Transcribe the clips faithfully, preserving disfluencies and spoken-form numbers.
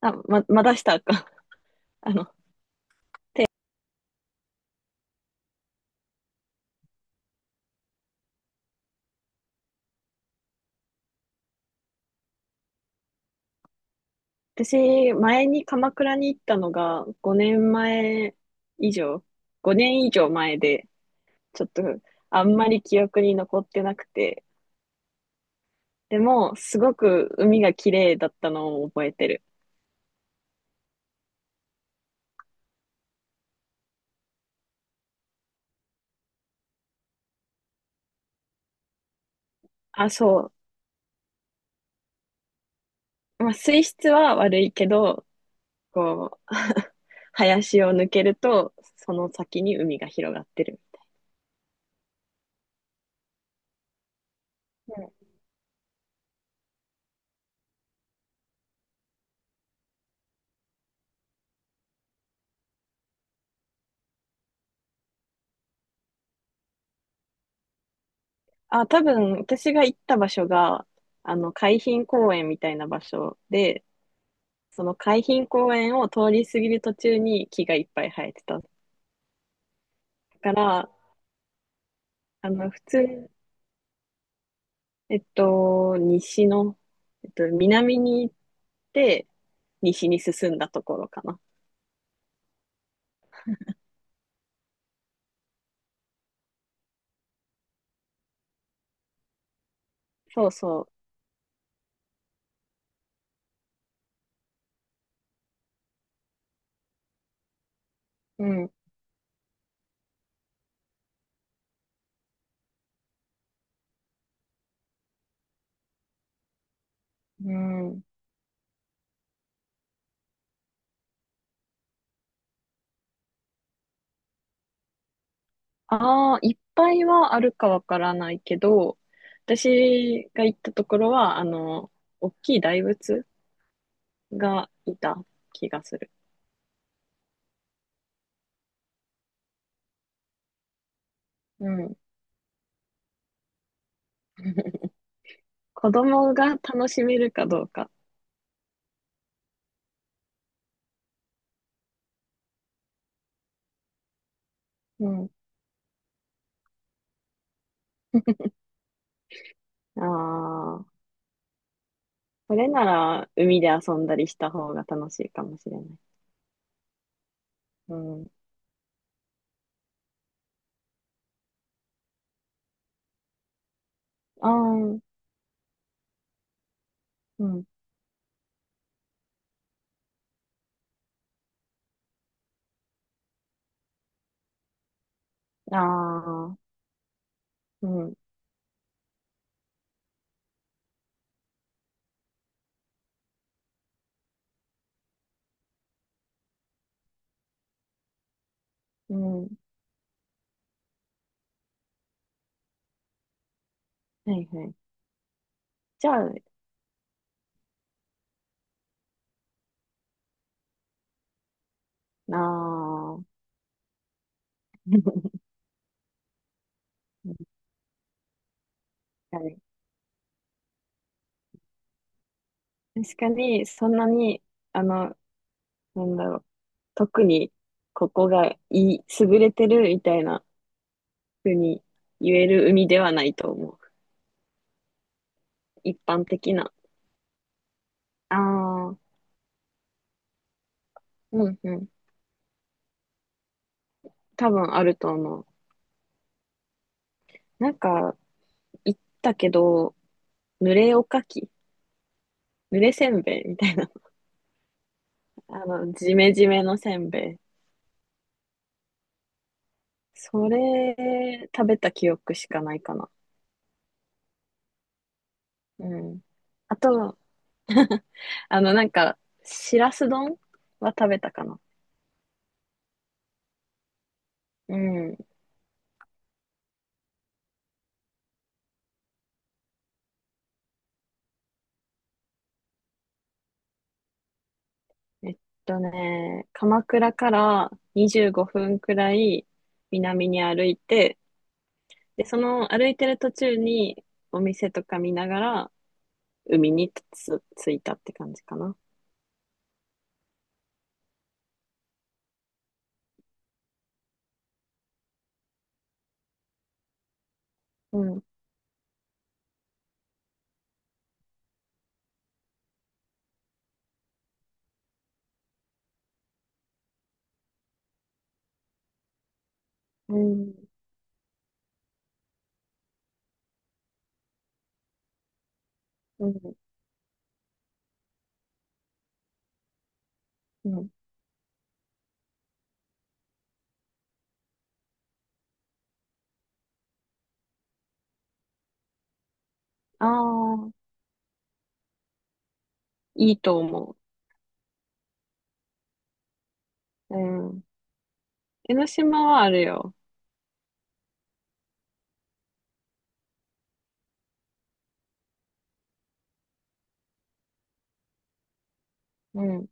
あ、ま、まだしたか。あの、私、前に鎌倉に行ったのがごねんまえ以上、ごねん以上前で、ちょっとあんまり記憶に残ってなくて、でも、すごく海が綺麗だったのを覚えてる。あ、そう。まあ、水質は悪いけど、こう、林を抜けると、その先に海が広がってる。うん。あ、多分、私が行った場所が、あの、海浜公園みたいな場所で、その海浜公園を通り過ぎる途中に木がいっぱい生えてた。だから、あの、普通に、えっと、西の、えっと、南に行って、西に進んだところかな。そうそう。うん。うん。ああ、いっぱいはあるかわからないけど、私が行ったところは、あの、大きい大仏がいた気がする。うん。子供が楽しめるかどうか。うん。ああ。それなら、海で遊んだりした方が楽しいかもしれない。うん。ああ、うん。ああ、うん。うん。はいはい。じゃあ、ああ、確かに。確かに、そんなに、あの、なんだろう。特に、ここがいい、優れてるみたいな風に言える海ではないと思う。一般的な。ああ、うんうん。多分あると思う。なんか、行ったけど、濡れおかきぬれせんべいみたいな。あの、ジメジメのせんべい。それ、食べた記憶しかないかな。うん。あと、あの、なんか、しらす丼は食べたかな。うん。えっとね、鎌倉からにじゅうごふんくらい南に歩いて、で、その歩いてる途中にお店とか見ながら海につ、着いたって感じかな。うん。うん。うん。うん。ああ、いいと思う。うん。江ノ島はあるよ。うん。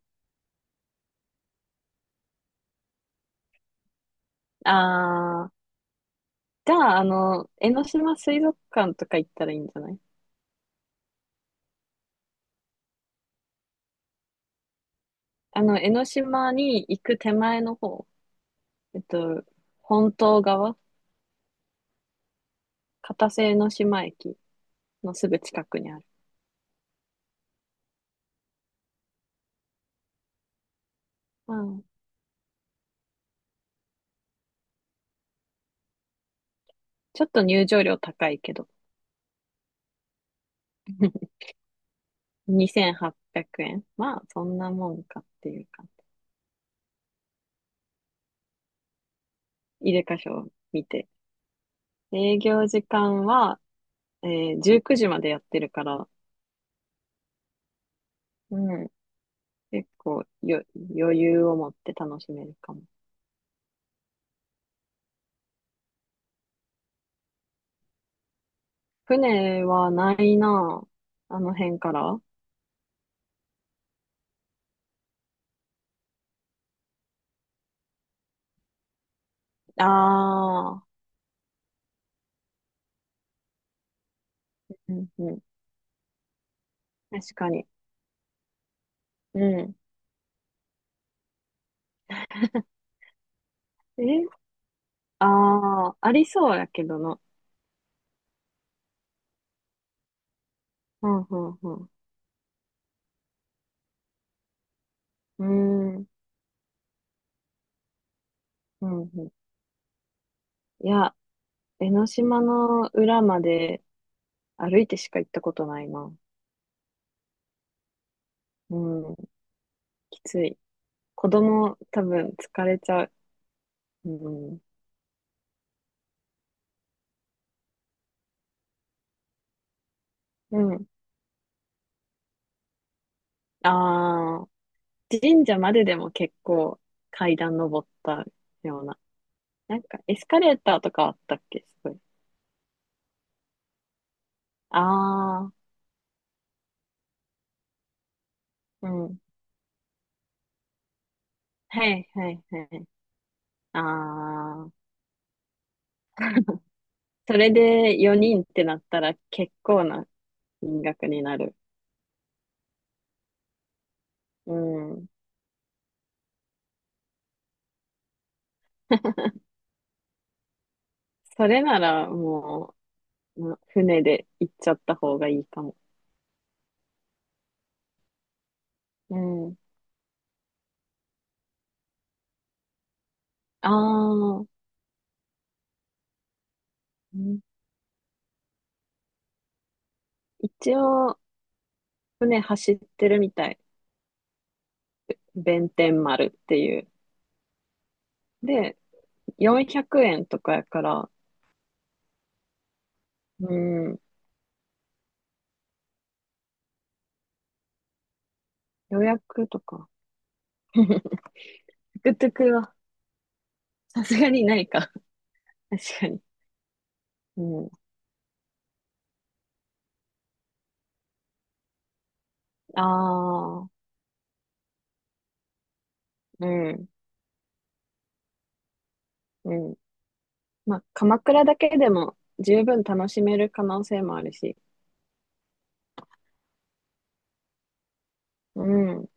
ああ、じゃあ、あの、江ノ島水族館とか行ったらいいんじゃない？あの、江ノ島に行く手前の方、えっと、本島側、片瀬江ノ島駅のすぐ近くにある。うん。ちょっと入場料高いけど、にせんはっぴゃくえん。まあ、そんなもんかっていうか、入れ箇所を見て。営業時間は、えー、じゅうくじまでやってるから、うん、結構よ余裕を持って楽しめるかも。船はないなあ。あの辺から。ああ、うんうん。確かに。うん。えああー、ありそうやけどな。うんうんうん。うーん。うんうん。いや、江ノ島の裏まで歩いてしか行ったことないな。うん。きつい。子供多分疲れちゃう。うん。うん。ああ。神社まででも結構階段登ったような。なんかエスカレーターとかあったっけすごい。ああ、うん。はいはいはい。ああ、それでよにんってなったら結構な金額になる。うん。それならもう、うん船で行っちゃった方がいいかも。うん。ああ、うん、一応、船走ってるみたい。弁天丸っていう。で、よんひゃくえんとかやから、うん。予約とか。トゥクトゥクは、さすがにないか。確かに。うん。ああ、うん、うん。まあ、鎌倉だけでも十分楽しめる可能性もあるし。うん。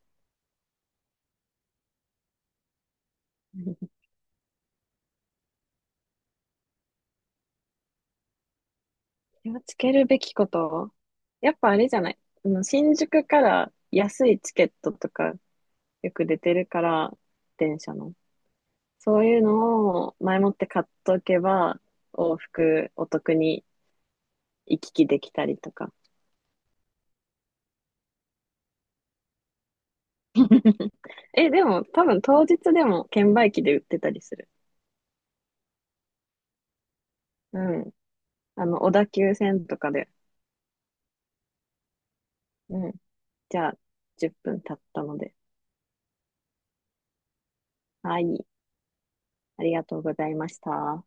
気をつけるべきこと、やっぱあれじゃない。あの新宿から安いチケットとかよく出てるから、電車の。そういうのを前もって買っとけば、往復お得に行き来できたりとか。え、でも、多分当日でも券売機で売ってたりする。うん。あの、小田急線とかで。うん。じゃあ、じゅっぷん経ったので。はい。ありがとうございました。